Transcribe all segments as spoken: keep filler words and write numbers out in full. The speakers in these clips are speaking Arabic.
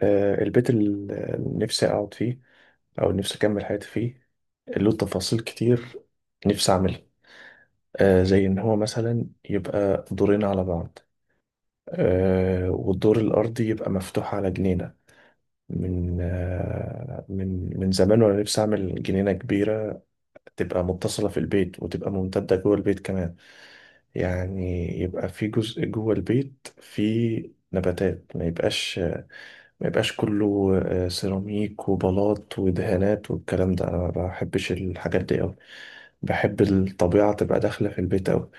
آه، البيت اللي نفسي أقعد فيه أو نفسي أكمل حياتي فيه له تفاصيل كتير نفسي أعملها. آه، زي إن هو مثلا يبقى دورين على بعض. آه، والدور الأرضي يبقى مفتوح على جنينة. من آه، من من زمان وأنا نفسي أعمل جنينة كبيرة تبقى متصلة في البيت وتبقى ممتدة جوه البيت كمان. يعني يبقى في جزء جوه البيت فيه نباتات، ما يبقاش ما يبقاش كله آه، سيراميك وبلاط ودهانات والكلام ده. انا ما بحبش الحاجات دي قوي، بحب الطبيعة تبقى داخلة في البيت قوي.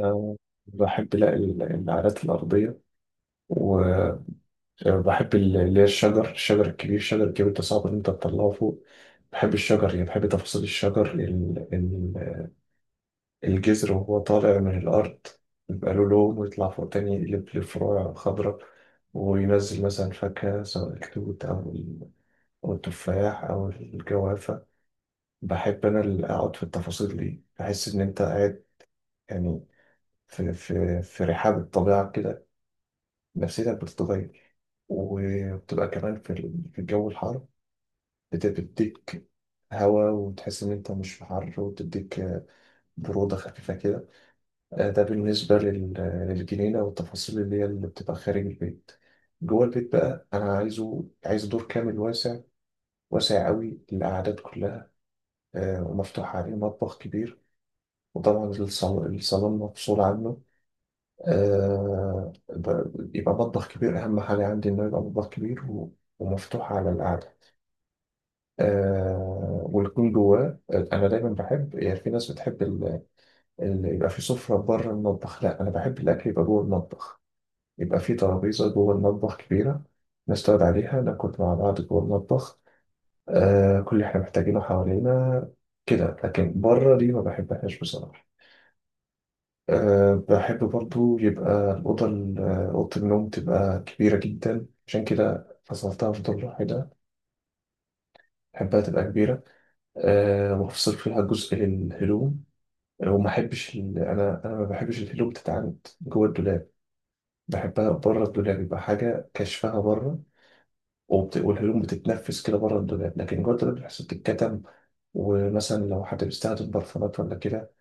أنا بحب، لا، ال- النعلات الأرضية، وبحب ال- اللي هي الشجر الشجر الكبير الشجر الكبير ده صعب إن أنت تطلعه فوق. بحب الشجر، يعني بحب تفاصيل الشجر. الجذر وهو طالع من الأرض يبقى له لون، ويطلع فوق تاني يقلب لفروع خضراء، وينزل مثلا فاكهة، سواء التوت أو ال- أو التفاح أو الجوافة. بحب أنا اللي أقعد في التفاصيل دي، بحس إن أنت قاعد يعني في, في, في رحاب الطبيعة كده، نفسيتك بتتغير. وبتبقى كمان في ال- في الجو الحار بت- بتديك هوا، وتحس إن أنت مش في حر، وتديك برودة خفيفة كده. آه، ده بالنسبة لل- للجنينة والتفاصيل اللي هي اللي بتبقى خارج البيت. جوه البيت بقى أنا عايزه عايز دور كامل واسع، واسع قوي للقعدات كلها. آه، ومفتوح عليه مطبخ كبير، وطبعا الصالون، الصالون مفصول عنه. آه، ب- يبقى مطبخ كبير، أهم حاجة عندي إنه يبقى مطبخ كبير و- ومفتوح على القعدة. آه ويكون جواه، أنا دايما بحب، يعني في ناس بتحب ال- ال- يبقى في سفرة بره المطبخ، لا أنا بحب الأكل يبقى جوه المطبخ، يبقى في ترابيزة جوه المطبخ كبيرة نستعد عليها ناكل مع بعض جوه المطبخ. آه كل اللي احنا محتاجينه حوالينا كده، لكن بره دي ما بحبهاش بصراحة. أه بحب برضو يبقى الأوضة، ال- آه، أوضة النوم تبقى كبيرة جدا، عشان كده فصلتها في دور لوحدي ده. بحبها تبقى كبيرة. أه وأفصل فيها جزء للهدوم. آه، وما أحبش ال... أنا أنا ما بحبش الهدوم تتعند جوه الدولاب، بحبها بره الدولاب، يبقى حاجة كشفها بره. وبت... والهدوم بتتنفس كده بره الدولاب، لكن جوه الدولاب بتحس بتتكتم. ومثلا لو حد بيستخدم برفانات ولا كده،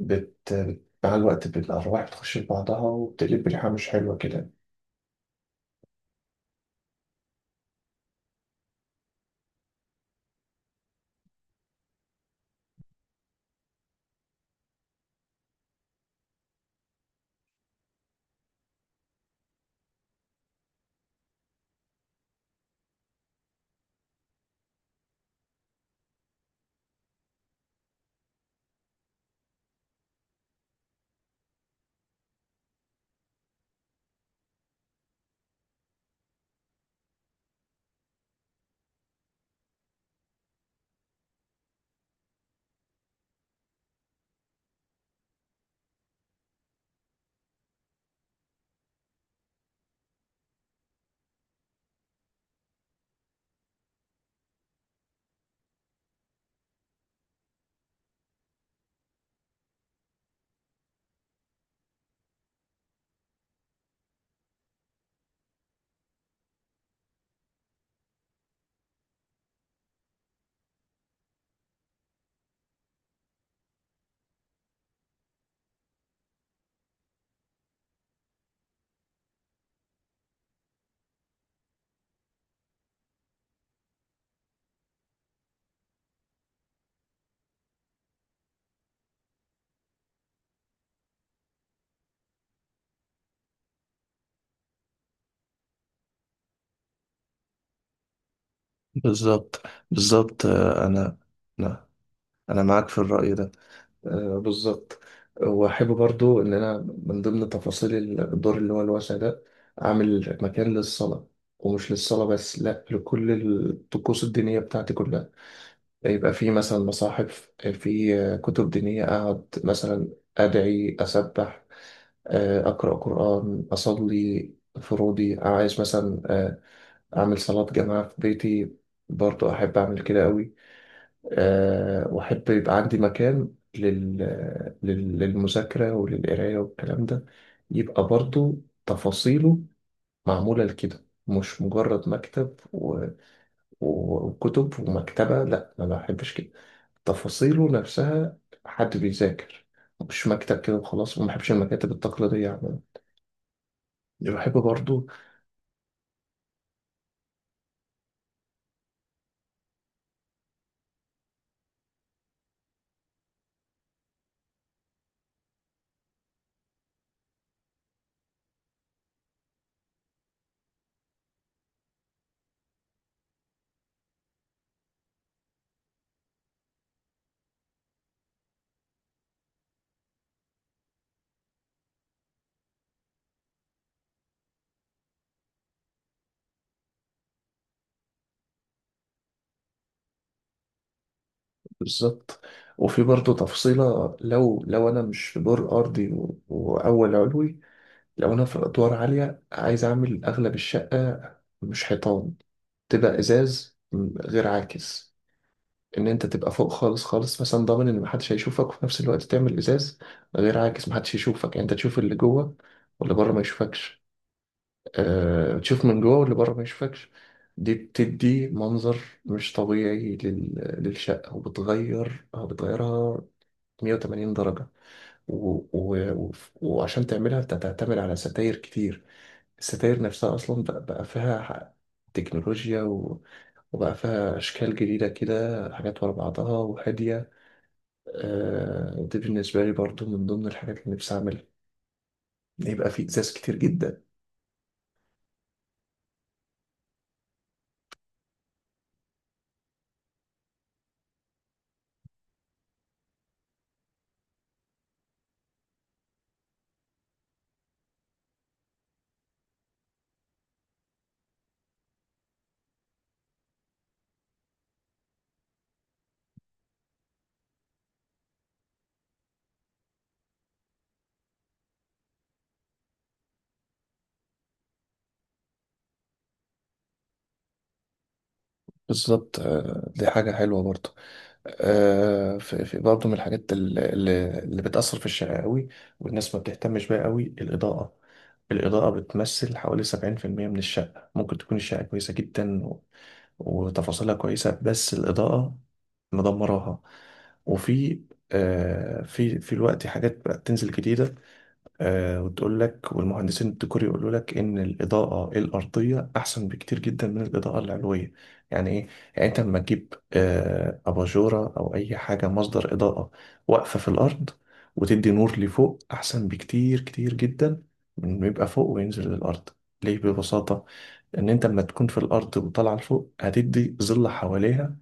بت... بت- مع الوقت بت- الأرواح بتخش في بعضها وبتقلب ريحة مش حلوة كده. بالظبط، بالظبط، آه، انا، لا، انا معاك في الرأي ده. آه، بالظبط. وأحب برضو إن أنا من ضمن تفاصيل الدور اللي هو الواسع ده أعمل مكان للصلاة، ومش للصلاة بس، لأ، لكل الطقوس الدينية بتاعتي كلها. يبقى في مثلا مصاحف، في كتب دينية، أقعد مثلا أدعي، أسبح، آه، أقرأ قرآن، أصلي فروضي. عايز مثلا آه، أعمل صلاة جماعة في بيتي، برضو أحب أعمل كده أوي. أه، وأحب يبقى عندي مكان لل... لل- للمذاكرة وللقراية والكلام ده، يبقى برضو تفاصيله معمولة لكده، مش مجرد مكتب وكتب ومكتبة، لا أنا ما بحبش كده. تفاصيله نفسها حد بيذاكر، مش مكتب كده وخلاص. وما بحبش المكاتب التقليدية عموما. اللي بحب برضو، بالظبط. وفي برضو تفصيلة، لو لو أنا مش في دور أرضي و- وأول علوي، لو أنا في أدوار عالية عايز أعمل أغلب الشقة مش حيطان، تبقى إزاز غير عاكس، ان انت تبقى فوق خالص خالص، مثلا ضامن ان محدش هيشوفك، وفي نفس الوقت تعمل ازاز غير عاكس، محدش يشوفك، يعني انت تشوف اللي جوه واللي بره ما يشوفكش. أه تشوف من جوه واللي بره ما يشوفكش. دي بتدي منظر مش طبيعي لل... للشقة، وبتغير آه، بتغيرها مية وتمانين درجة. و... و... و... وعشان تعملها انت هتعتمد على ستاير كتير. الستاير نفسها اصلا بقى, بقى فيها ح- تكنولوجيا، و... وبقى فيها اشكال جديدة كده، حاجات ورا بعضها وهادية. آه، دي بالنسبة لي برضو من ضمن الحاجات اللي نفسي أعملها، يبقى في إزاز كتير جدا. بالظبط. آه، دي حاجة حلوة برضو. آه، في في برضو من الحاجات اللي, اللي اللي بتأثر في الشارع قوي، والناس ما بتهتمش بيها قوي: الإضاءة. الإضاءة بتمثل حوالي سبعين في المية من الشقة. ممكن تكون الشقة كويسة جدا و- وتفاصيلها كويسة، بس الإضاءة مدمراها. وفي آه، في في الوقت حاجات بقت تنزل جديدة. آه، وتقول لك، والمهندسين الديكور يقولوا لك، ان الاضاءه الارضيه احسن بكتير جدا من الاضاءه العلويه. يعني ايه؟ يعني انت لما تجيب آه، اباجوره او اي حاجه مصدر اضاءه واقفه في الارض وتدي نور لفوق، احسن بكتير كتير جدا من ما يبقى فوق وينزل للارض. ليه؟ ببساطه، ان انت لما تكون في الارض وطالعه لفوق هتدي ظل حواليها،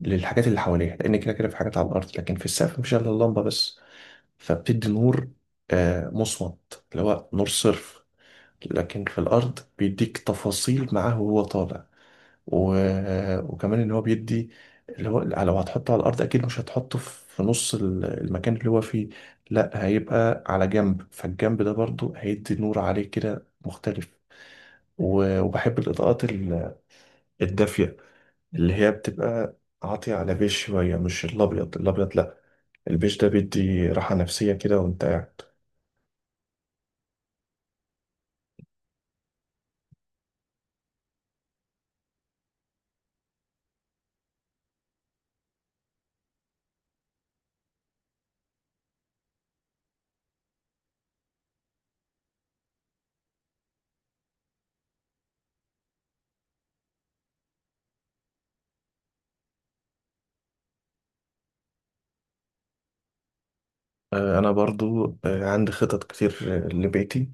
للحاجات اللي حواليها، لان كده كده في حاجات على الارض، لكن في السقف مفيش الا اللمبه بس، فبتدي نور آه، مصمت، اللي هو نور صرف. لكن في الأرض بيديك تفاصيل معاه وهو طالع. و... وكمان إن هو بيدي، اللي هو لو هتحطه على الأرض أكيد مش هتحطه في نص ال- المكان اللي هو فيه، لا هيبقى على جنب، فالجنب ده برضو هيدي نور عليه كده مختلف. و... وبحب الإضاءات ال- الدافية، اللي هي بتبقى عاطية على بيج شوية، مش الأبيض الأبيض، لا، البيج ده بيدي راحة نفسية كده وأنت قاعد. آه، انا برضو آه، عندي خطط كتير آه، لبيتي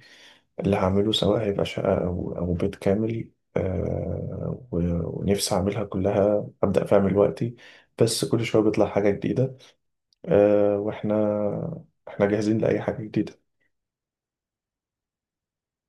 اللي هعمله، سواء هيبقى شقة او او بيت كامل. آه، و- ونفسي اعملها كلها، ابدا فيها من دلوقتي، بس كل شوية بيطلع حاجة جديدة. آه، واحنا احنا جاهزين لاي حاجة جديدة.